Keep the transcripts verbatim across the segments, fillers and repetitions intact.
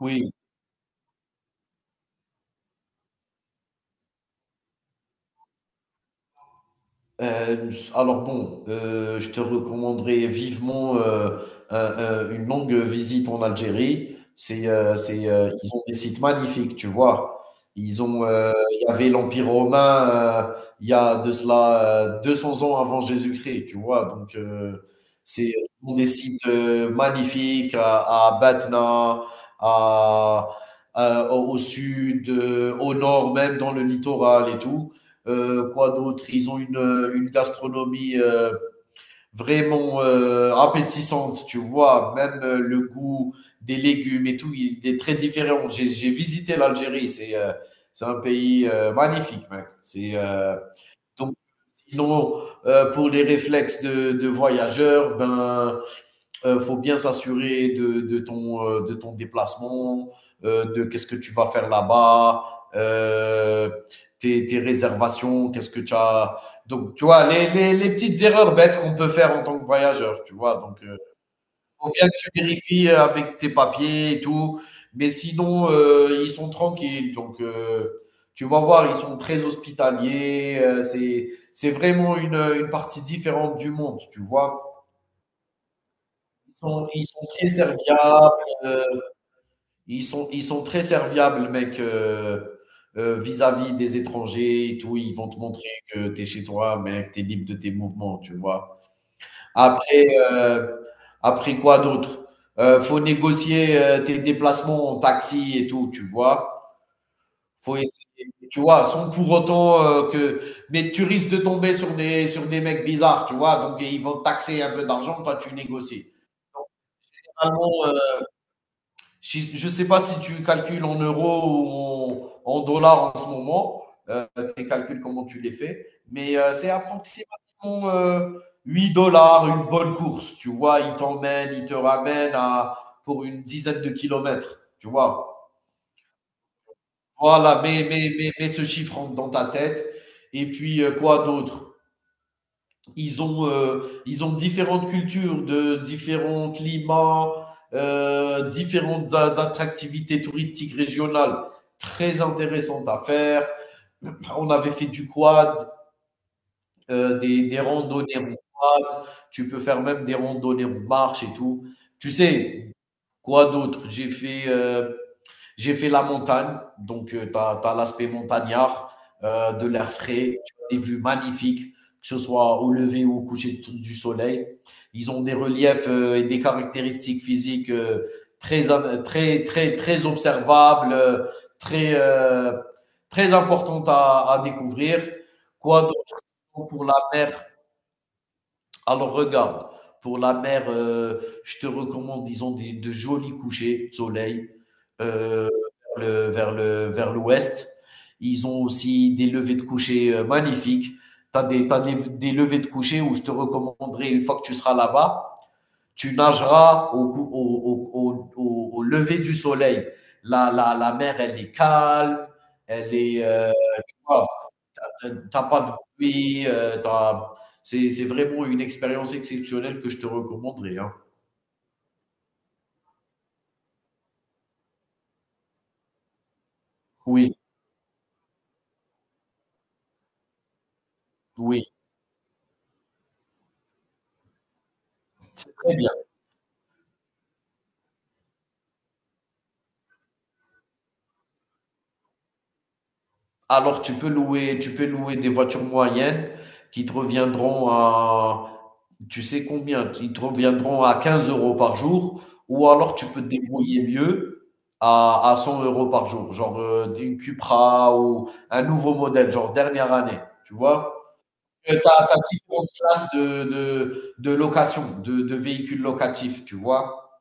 Oui, heu, alors bon, heu, je te recommanderais vivement, heu, un un une longue visite en Algérie. C'est, heu c'est, heu, ils ont des sites magnifiques, tu vois? Ils ont, heu, il y avait l'Empire romain, heu, il y a de cela, euh, deux cents ans avant Jésus-Christ, tu vois? Donc, heu, c'est ils ont des sites, heu, magnifiques à à Batna, à à au au sud, heu, au nord, même dans le littoral et tout. Euh, quoi d'autre? Ils ont une, euh, une gastronomie euh, vraiment euh, appétissante, tu vois. Même euh, le goût des légumes et tout, il est très différent. J'ai, j'ai visité l'Algérie, c'est euh, c'est un pays euh, magnifique, mec. C'est euh, Donc sinon euh, pour les réflexes de, de voyageurs, ben euh, faut bien s'assurer de, de ton, euh, de ton déplacement, euh, de qu'est-ce que tu vas faire là-bas, euh, tes, tes réservations, qu'est-ce que tu as. Donc, tu vois, les, les, les petites erreurs bêtes qu'on peut faire en tant que voyageur, tu vois. Donc, euh, faut bien que tu vérifies euh, avec tes papiers et tout. Mais sinon, euh, ils sont tranquilles. Donc, euh, tu vas voir, ils sont très hospitaliers. euh, c'est, c'est vraiment une, une partie différente du monde, tu vois. Ils sont, ils sont très serviables. euh, ils, sont, ils sont très serviables, mec, euh, euh, vis-à-vis des étrangers et tout. Ils vont te montrer que tu es chez toi, mec, tu es libre de tes mouvements, tu vois. Après, euh, après quoi d'autre? Euh, Faut négocier euh, tes déplacements en taxi et tout, tu vois. Faut essayer, tu vois, sans pour autant euh, que. Mais tu risques de tomber sur des, sur des mecs bizarres, tu vois. Donc, ils vont te taxer un peu d'argent, toi, tu négocies. Finalement, je ne sais pas si tu calcules en euros ou en dollars en ce moment, euh, tes calculs, comment tu les fais, mais euh, c'est approximativement euh, huit dollars une bonne course. Tu vois, il t'emmène, il te ramène à, pour une dizaine de kilomètres. Tu vois, voilà, mais, mais, mais, mais ce chiffre dans ta tête. Et puis, euh, quoi d'autre? Ils ont, euh, ils ont différentes cultures, de différents climats, euh, différentes attractivités touristiques régionales très intéressantes à faire. On avait fait du quad, euh, des, des randonnées en quad. Tu peux faire même des randonnées en marche et tout. Tu sais, quoi d'autre? J'ai fait euh, j'ai fait la montagne, donc euh, tu as l'aspect montagnard, euh, de l'air frais, des vues magnifiques, que ce soit au lever ou au coucher du soleil. Ils ont des reliefs euh, et des caractéristiques physiques euh, très, très, très, très observables, euh, très, euh, très importantes à, à découvrir. Quoi d'autre pour la mer? Alors regarde, pour la mer, euh, je te recommande, disons, des, de jolis couchers de soleil euh, vers le- vers le- vers l'ouest. Ils ont aussi des levées de coucher euh, magnifiques. Tu as des, t'as des, des levées de coucher où je te recommanderais, une fois que tu seras là-bas, tu nageras au, cou- au, au, au, au- au lever du soleil. La, la, la mer, elle est calme, elle est, euh, voilà. T'as pas de bruit, heu, tu c'est c'est vraiment une expérience exceptionnelle que je te recommanderais, hein. Oui, oui, c'est très bien. Alors tu peux louer tu peux louer des voitures moyennes qui te reviendront à, tu sais combien? Qui te reviendront à quinze euros par jour, ou alors tu peux te débrouiller mieux à à cent euros par jour, genre, heu, une Cupra ou un nouveau modèle, genre dernière année, tu vois? tu as, as différentes classes de, de, de location, de, de véhicules locatifs, tu vois.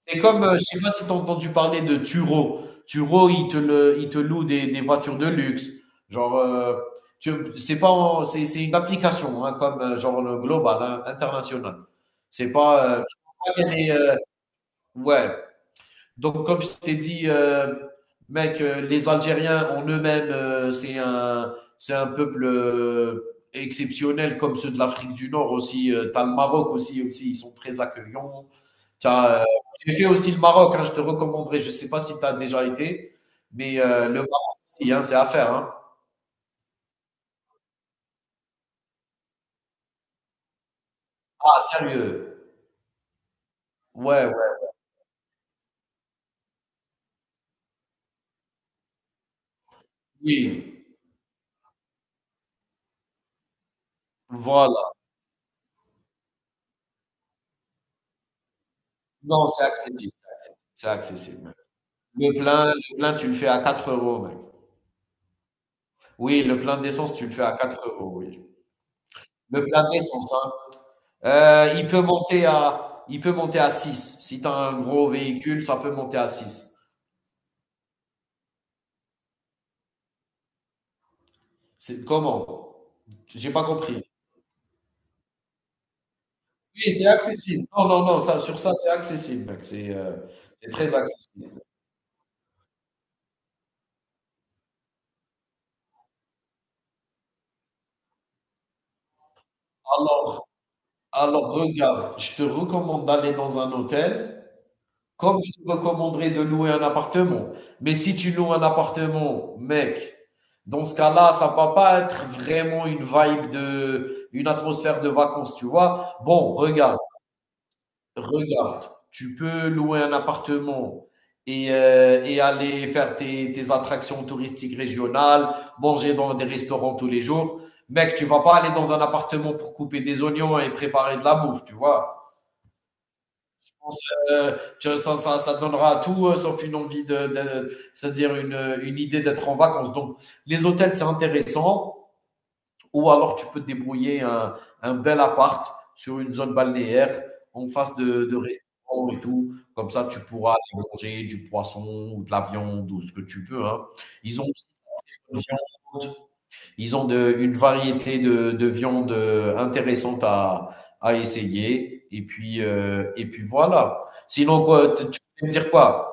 C'est comme, euh, je sais pas si tu as entendu parler de Turo. Turo, il te, le, il te loue des, des voitures de luxe. Genre, euh, tu, c'est pas, en- c'est, c'est une application, hein, comme euh, genre le global, hein, international. C'est pas, euh, Je crois pas qu'il y a des, euh, ouais, donc, comme je t'ai dit, euh, mec, euh, les Algériens en eux-mêmes, euh, c'est un, c'est un peuple euh, exceptionnel, comme ceux de l'Afrique du Nord aussi. Euh, T'as le Maroc aussi, aussi, ils sont très accueillants. T'as, euh, j'ai fait aussi le Maroc, hein, je te recommanderais. Je ne sais pas si tu as déjà été, mais euh, le Maroc aussi, hein, c'est à faire. Hein. Ah, sérieux? Ouais, ouais, oui. Voilà. Non, c'est accessible. C'est accessible. Le plein, le plein, tu le fais à quatre euros, mec. Oui, le plein d'essence, tu le fais à quatre euros, oui. Le plein d'essence, hein. Euh, il peut monter à, il peut monter à six. Si tu as un gros véhicule, ça peut monter à six. C'est comment? J'ai pas compris. Oui, c'est accessible. Non, non, non, ça, sur ça, c'est accessible, mec. C'est euh, c'est très accessible. Alors, alors, regarde, je te recommande d'aller dans un hôtel. Comme je te recommanderais de louer un appartement. Mais si tu loues un appartement, mec, dans ce cas-là, ça ne va pas être vraiment une vibe de, une atmosphère de vacances, tu vois. Bon, regarde, regarde. Tu peux louer un appartement et, euh, et aller faire tes, tes attractions touristiques régionales, manger dans des restaurants tous les jours. Mec, tu ne vas pas aller dans un appartement pour couper des oignons et préparer de la bouffe, tu vois. Euh, ça, ça- ça donnera à tout euh, sauf une envie de, de- c'est-à-dire une, une idée d'être en vacances. Donc, les hôtels, c'est intéressant. Ou alors, tu peux te débrouiller un, un bel appart sur une zone balnéaire en face de, de restaurants et tout. Comme ça, tu pourras aller manger du poisson ou de la viande ou ce que tu veux, hein. Ils ont aussi de la viande, ils ont de, une variété de, de viande intéressante à, à essayer. Et puis, euh, et puis voilà. Sinon, quoi, tu peux me dire quoi?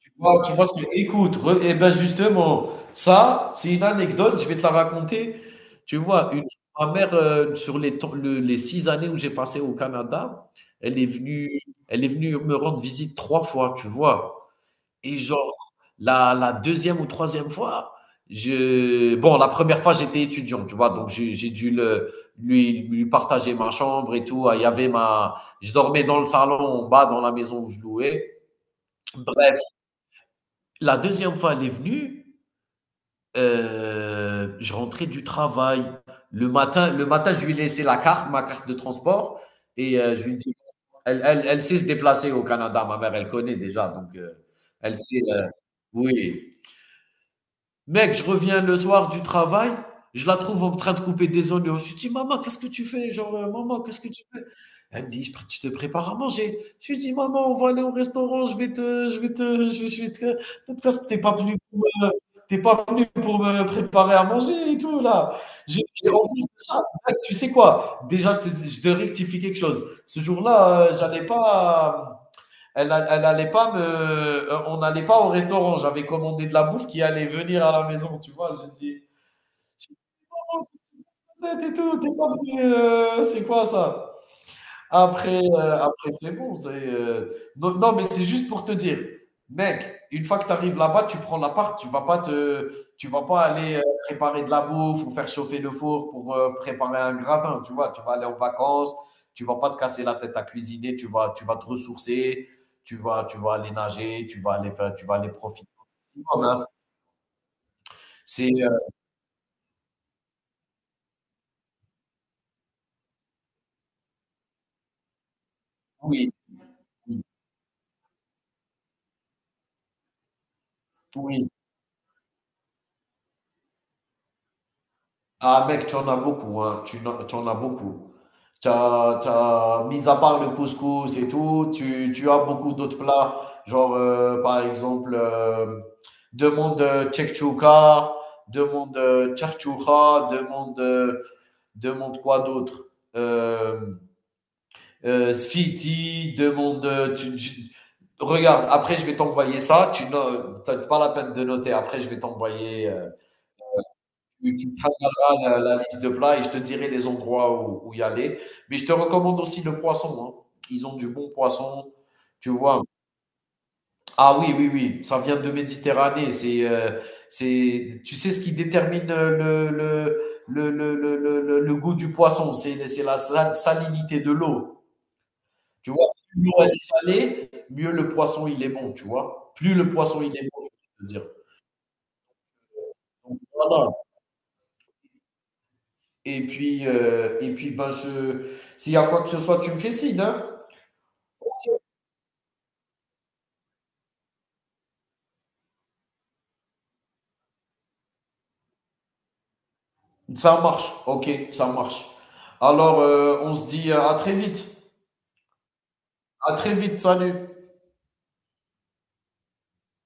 Tu vois, tu vois ce que- écoute, re- eh ben justement, ça, c'est une anecdote, je vais te la raconter. Tu vois, une, ma mère, euh, sur les, temps- le- les six années où j'ai passé au Canada, elle est venue, elle est venue me rendre visite trois fois, tu vois. Et genre, la la deuxième ou troisième fois, je bon, la première fois, j'étais étudiant, tu vois? Donc j'ai j'ai dû le lui lui partager ma chambre et tout. Ah, il y avait ma je dormais dans le salon, en bas, dans la maison où je louais. Bref, la deuxième fois, elle est venue, heu, je rentrais du travail. Le matin le matin, je lui ai laissé la carte, ma carte de transport et heu, je lui ai dit elle elle elle sait se déplacer au Canada, ma mère, elle connaît déjà, donc heu, elle sait, heu oui. Mec, je reviens le soir du travail, je la trouve en train de couper des oignons. Je lui dis: «Maman, qu'est-ce que tu fais?» Genre, heu: «Maman, qu'est-ce que tu fais?» Elle me dit: «Je pré je te prépares à manger.» Je lui dis: «Maman, on va aller au restaurant, je vais te je vais te je je vais te de toute façon, tu es pas venu pour me tu pas venu pour me préparer à manger et tout là.» J'ai Et en plus de ça, mec, tu sais quoi? Déjà, je te dis je dois rectifier quelque chose. Ce jour-là, heu, j'allais pas, elle, elle allait pas me, euh, on n'allait pas au restaurant. J'avais commandé de la bouffe qui allait venir à la maison, tu vois. Je dis, je suis pas et tout, t'es pas venu, euh, c'est quoi ça? Après, heu, après c'est bon, c'est, heu, non, non, mais c'est juste pour te dire, mec, une fois que tu arrives là-bas, tu prends la part. tu vas pas te tu vas pas aller, heu, préparer de la bouffe ou faire chauffer le four pour, heu, préparer un gratin, tu vois? Tu vas aller en vacances, tu vas pas te casser la tête à cuisiner, tu vas tu vas te ressourcer, tu vas tu vas aller nager, tu vas aller faire tu vas aller profiter au maximum, hein. C'est, heu oui, oui, oui. Ah mec, tu en as beaucoup, hein. Tu, n'en- tu en as beaucoup. T'as, t'as, mis à part le couscous et tout, tu, tu as beaucoup d'autres plats. Genre, euh, par exemple, euh, demande euh, tchekchouka, demande euh, tchartchouka, demande, euh, demande quoi d'autre? Euh, euh, Sfiti, demande, euh, tu- tu- regarde, après je vais t'envoyer ça. Tu n'as T'as pas la peine de noter. Après je vais t'envoyer, euh, tu, tu travailleras la, la liste de plats et je te dirai les endroits où, où y aller. Mais je te recommande aussi le poisson, hein. Ils ont du bon poisson, tu vois. Ah oui, oui, oui, ça vient de Méditerranée. C'est, euh, c'est, tu sais ce qui détermine euh, le, le, le, le, le, le, le goût du poisson, c'est, c'est la sa- salinité de l'eau. Tu vois, plus l'eau elle est salée, mieux le poisson il est bon, tu vois. Plus le poisson il est bon, je veux dire. Donc, voilà. Et puis, euh, et puis ben, je... s'il y a quoi que ce soit, tu me fais signe, hein. Ça marche. Ok, ça marche. Alors, euh, on se dit euh, à très vite. À très vite. Salut.